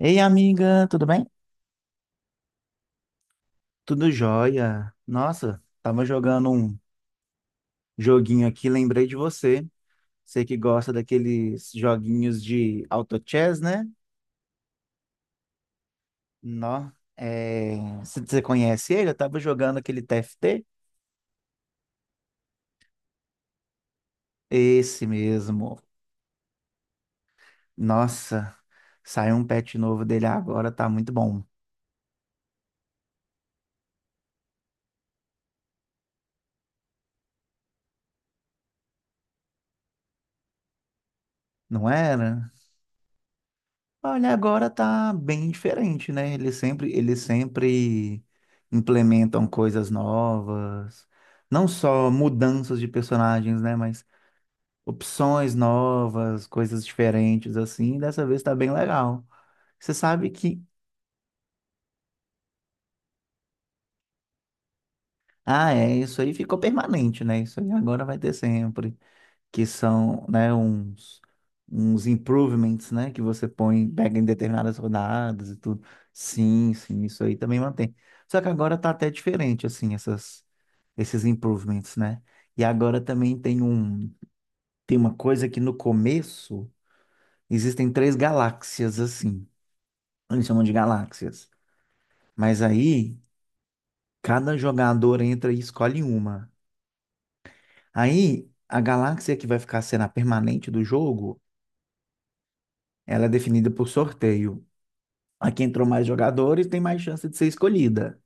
Ei, amiga, tudo bem? Tudo jóia. Nossa, tava jogando um joguinho aqui, lembrei de você. Você que gosta daqueles joguinhos de auto chess, né? Nó, é... você conhece ele? Eu tava jogando aquele TFT. Esse mesmo. Nossa, saiu um patch novo dele agora, tá muito bom. Não era? Olha, agora tá bem diferente, né? Eles sempre implementam coisas novas, não só mudanças de personagens, né? Mas opções novas, coisas diferentes, assim. Dessa vez tá bem legal. Você sabe que, ah, é, isso aí ficou permanente, né? Isso aí agora vai ter sempre. Que são, né, uns improvements, né, que você põe, pega em determinadas rodadas e tudo. Sim, sim, isso aí também mantém. Só que agora tá até diferente, assim, esses improvements, né? E agora também tem uma coisa que no começo existem três galáxias, assim. Eles chamam de galáxias. Mas aí, cada jogador entra e escolhe uma. Aí, a galáxia que vai ficar sendo a permanente do jogo, ela é definida por sorteio. A que entrou mais jogadores tem mais chance de ser escolhida.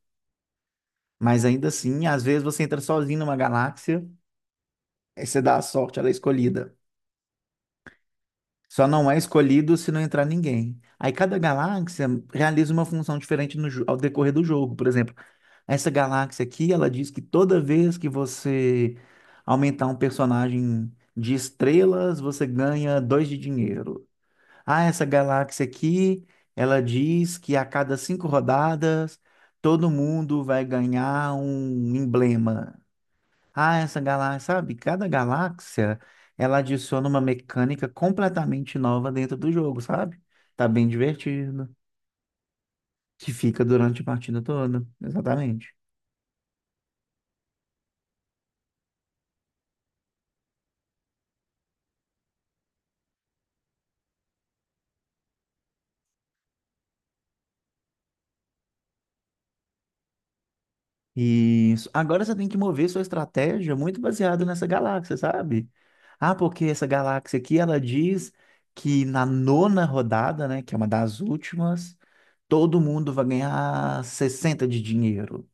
Mas ainda assim, às vezes você entra sozinho numa galáxia, aí você dá a sorte, ela é escolhida. Só não é escolhido se não entrar ninguém. Aí cada galáxia realiza uma função diferente no, ao decorrer do jogo. Por exemplo, essa galáxia aqui, ela diz que toda vez que você aumentar um personagem de estrelas, você ganha dois de dinheiro. Ah, essa galáxia aqui, ela diz que a cada cinco rodadas todo mundo vai ganhar um emblema. Ah, essa galáxia, sabe? Cada galáxia, ela adiciona uma mecânica completamente nova dentro do jogo, sabe? Tá bem divertido, que fica durante a partida toda. Exatamente. Isso. Agora você tem que mover sua estratégia muito baseado nessa galáxia, sabe? Ah, porque essa galáxia aqui, ela diz que na nona rodada, né, que é uma das últimas, todo mundo vai ganhar 60 de dinheiro.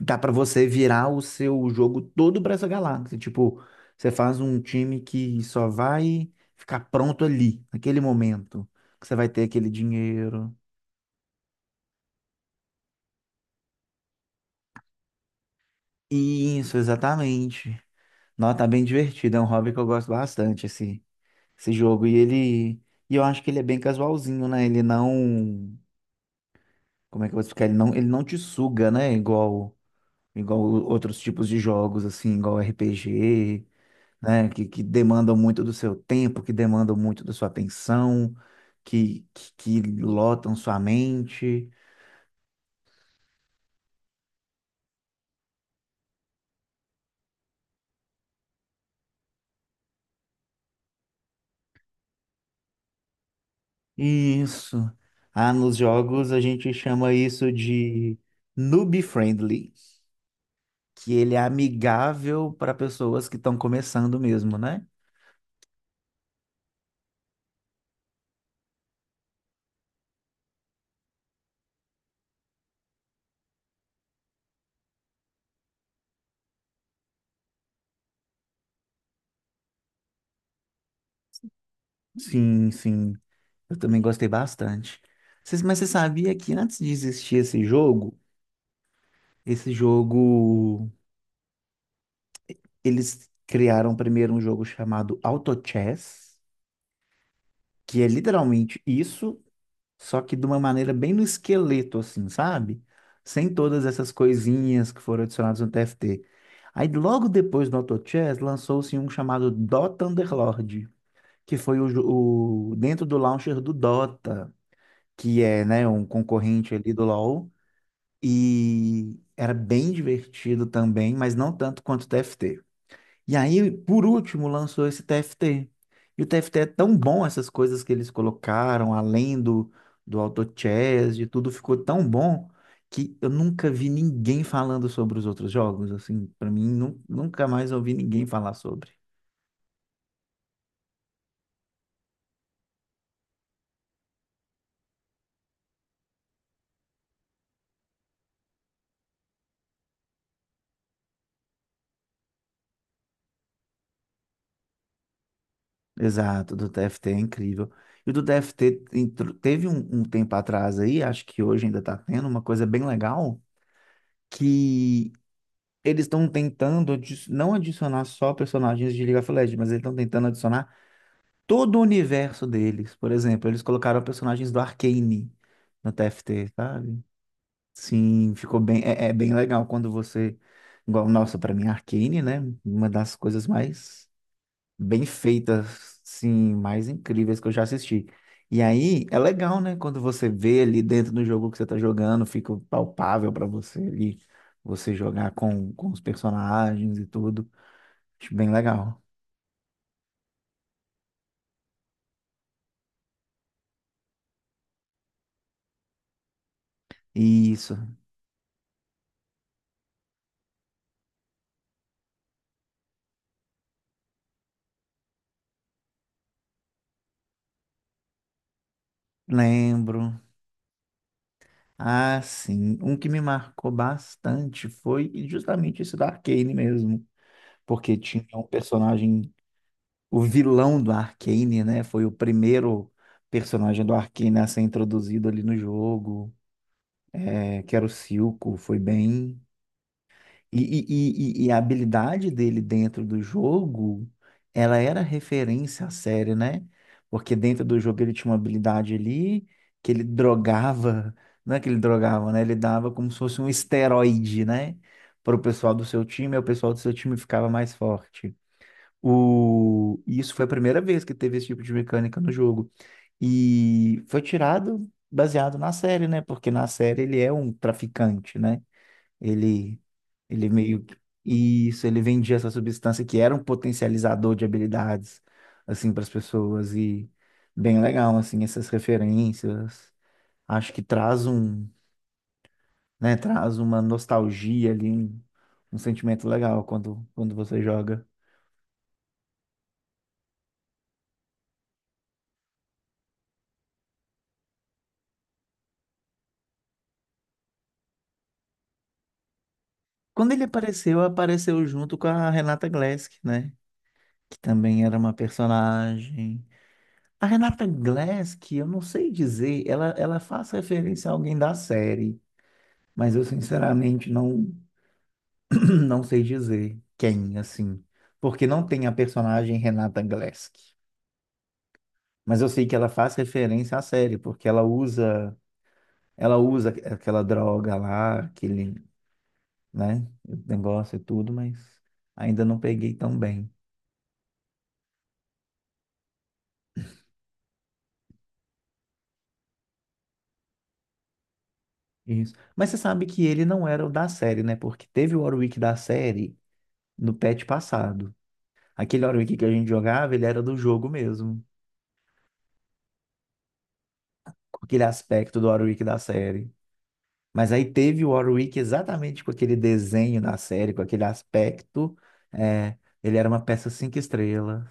Dá para você virar o seu jogo todo para essa galáxia. Tipo, você faz um time que só vai ficar pronto ali, naquele momento, que você vai ter aquele dinheiro. Isso, exatamente. Nossa, tá bem divertido. É um hobby que eu gosto bastante, assim. Esse jogo. E ele. E eu acho que ele é bem casualzinho, né? Ele não. Como é que eu vou explicar? Ele não te suga, né? Igual, igual outros tipos de jogos, assim, igual RPG, né? Que demandam muito do seu tempo, que demandam muito da sua atenção, que, que, que lotam sua mente. Isso. Ah, nos jogos a gente chama isso de noob friendly, que ele é amigável para pessoas que estão começando mesmo, né? Sim, sim. Eu também gostei bastante. Mas você sabia que antes de existir esse jogo, eles criaram primeiro um jogo chamado Auto Chess, que é literalmente isso, só que de uma maneira bem no esqueleto, assim, sabe? Sem todas essas coisinhas que foram adicionadas no TFT. Aí logo depois do Auto Chess, lançou-se um chamado Dota Underlord, que foi o dentro do launcher do Dota. Que é, né, um concorrente ali do LoL, e era bem divertido também, mas não tanto quanto o TFT. E aí, por último, lançou esse TFT. E o TFT é tão bom, essas coisas que eles colocaram, além do, do auto chess, de tudo, ficou tão bom que eu nunca vi ninguém falando sobre os outros jogos, assim, para mim, nunca mais ouvi ninguém falar sobre. Exato, do TFT é incrível. E o do TFT teve um tempo atrás aí, acho que hoje ainda está tendo uma coisa bem legal, que eles estão tentando não adicionar só personagens de League of Legends, mas eles estão tentando adicionar todo o universo deles. Por exemplo, eles colocaram personagens do Arcane no TFT, sabe? Sim, ficou bem, é, é bem legal quando você, igual, nossa, para mim Arcane, né? Uma das coisas mais bem feitas, sim, mais incríveis que eu já assisti. E aí é legal, né? Quando você vê ali dentro do jogo que você tá jogando, fica palpável para você ali, você jogar com os personagens e tudo. Acho bem legal. Isso, lembro. Ah, sim. Um que me marcou bastante foi justamente esse da Arcane mesmo. Porque tinha um personagem, o vilão do Arcane, né? Foi o primeiro personagem do Arcane a ser introduzido ali no jogo. É, que era o Silco, foi bem. E a habilidade dele dentro do jogo, ela era referência à série, né? Porque dentro do jogo ele tinha uma habilidade ali que ele drogava, não é que ele drogava, né? Ele dava como se fosse um esteroide, né? Para o pessoal do seu time, e o pessoal do seu time ficava mais forte. O... e Isso foi a primeira vez que teve esse tipo de mecânica no jogo. E foi tirado baseado na série, né? Porque na série ele é um traficante, né? Ele, ele meio que. Isso, ele vendia essa substância que era um potencializador de habilidades, assim, para as pessoas. E bem legal, assim, essas referências. Acho que traz um, né? Traz uma nostalgia ali, um sentimento legal quando, quando você joga. Quando ele apareceu, apareceu junto com a Renata Glesk, né? Que também era uma personagem. A Renata Glass, que eu não sei dizer, ela faz referência a alguém da série, mas eu sinceramente não sei dizer quem, assim, porque não tem a personagem Renata Glass. Mas eu sei que ela faz referência à série, porque ela usa aquela droga lá, aquele, né, negócio e tudo, mas ainda não peguei tão bem. Isso. Mas você sabe que ele não era o da série, né? Porque teve o Warwick da série no patch passado. Aquele Warwick que a gente jogava, ele era do jogo mesmo, com aquele aspecto do Warwick da série. Mas aí teve o Warwick exatamente com aquele desenho da série, com aquele aspecto. É, ele era uma peça 5 estrelas.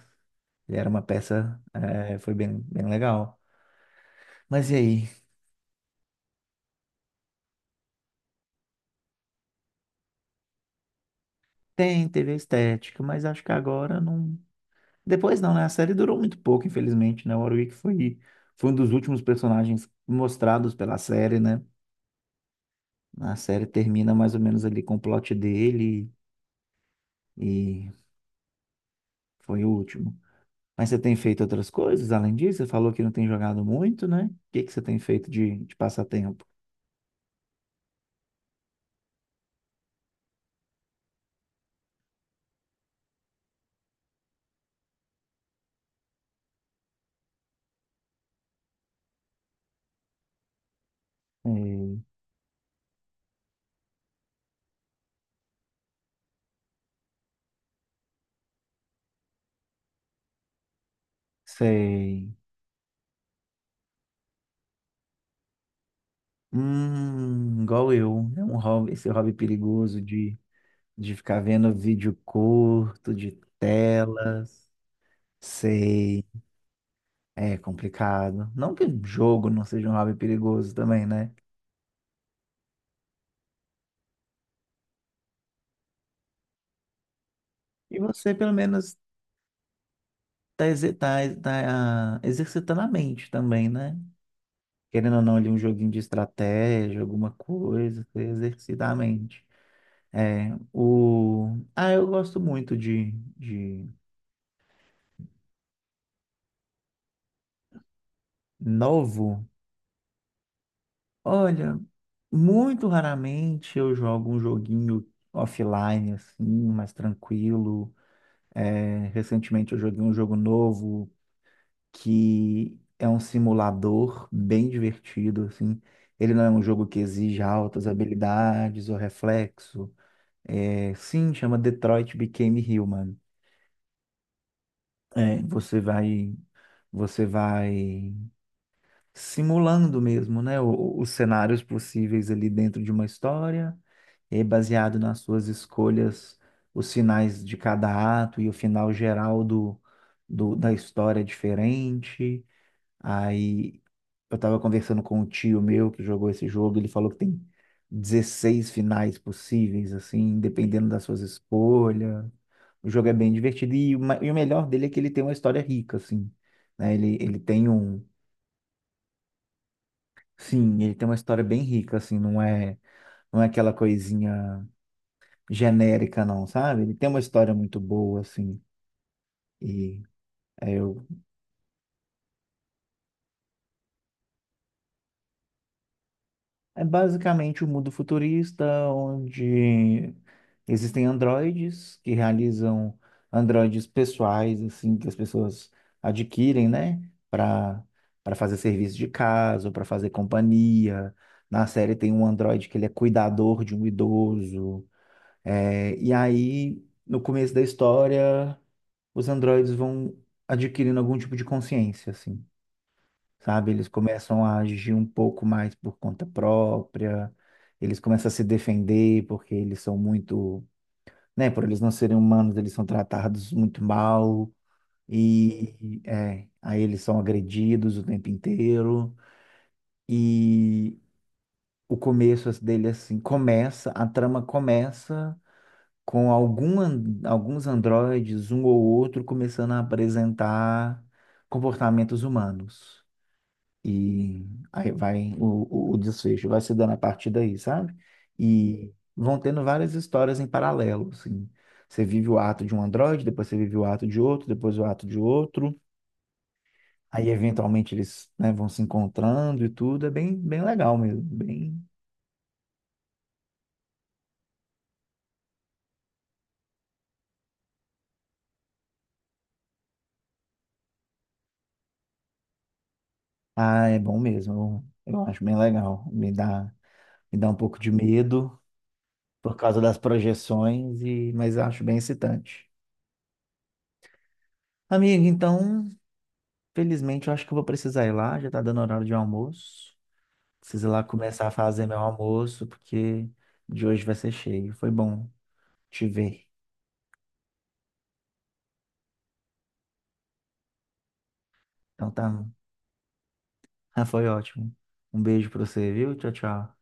Ele era uma peça. É, foi bem, bem legal. Mas e aí? Tem, teve a estética, mas acho que agora não. Depois não, né? A série durou muito pouco, infelizmente, né? Foi um dos últimos personagens mostrados pela série, né? A série termina mais ou menos ali com o plot dele. E foi o último. Mas você tem feito outras coisas além disso? Você falou que não tem jogado muito, né? O que que você tem feito de passatempo? Sei. Sei. Igual eu. É um hobby, esse hobby perigoso de ficar vendo vídeo curto, de telas. Sei. É complicado. Não que jogo não seja um hobby perigoso também, né? E você, pelo menos, exercitando a mente também, né? Querendo ou não, ali um joguinho de estratégia, alguma coisa, pra exercitar a mente. É, o... Ah, eu gosto muito de novo. Olha, muito raramente eu jogo um joguinho offline, assim, mais tranquilo. É, recentemente eu joguei um jogo novo que é um simulador bem divertido, assim. Ele não é um jogo que exige altas habilidades ou reflexo. É, sim, chama Detroit Became Human. É, você vai, você vai simulando mesmo, né, os cenários possíveis ali dentro de uma história, e aí, baseado nas suas escolhas, os finais de cada ato e o final geral da história é diferente. Aí eu tava conversando com um tio meu que jogou esse jogo, ele falou que tem 16 finais possíveis, assim, dependendo das suas escolhas. O jogo é bem divertido e, e o melhor dele é que ele tem uma história rica, assim, né? Sim, ele tem uma história bem rica, assim, não é aquela coisinha genérica, não, sabe? Ele tem uma história muito boa, assim, e é, eu. É basicamente um mundo futurista onde existem androides que realizam androides pessoais, assim, que as pessoas adquirem, né, para para fazer serviço de casa, para fazer companhia. Na série tem um androide que ele é cuidador de um idoso. É, e aí, no começo da história, os androides vão adquirindo algum tipo de consciência, assim, sabe? Eles começam a agir um pouco mais por conta própria, eles começam a se defender porque eles são muito, né? Por eles não serem humanos, eles são tratados muito mal e é, aí eles são agredidos o tempo inteiro e o começo dele assim começa, a trama começa com alguns androides, um ou outro, começando a apresentar comportamentos humanos. E aí vai o o desfecho, vai se dando a partir daí, sabe? E vão tendo várias histórias em paralelo, assim. Você vive o ato de um androide, depois você vive o ato de outro, depois o ato de outro. Aí, eventualmente, eles, né, vão se encontrando e tudo. É bem, bem legal mesmo. Bem... Ah, é bom mesmo. Eu acho bem legal. Me dá um pouco de medo por causa das projeções, e... mas eu acho bem excitante. Amigo, então felizmente, eu acho que eu vou precisar ir lá, já tá dando horário de almoço. Preciso ir lá começar a fazer meu almoço, porque de hoje vai ser cheio. Foi bom te ver. Então tá, foi ótimo. Um beijo pra você, viu? Tchau, tchau.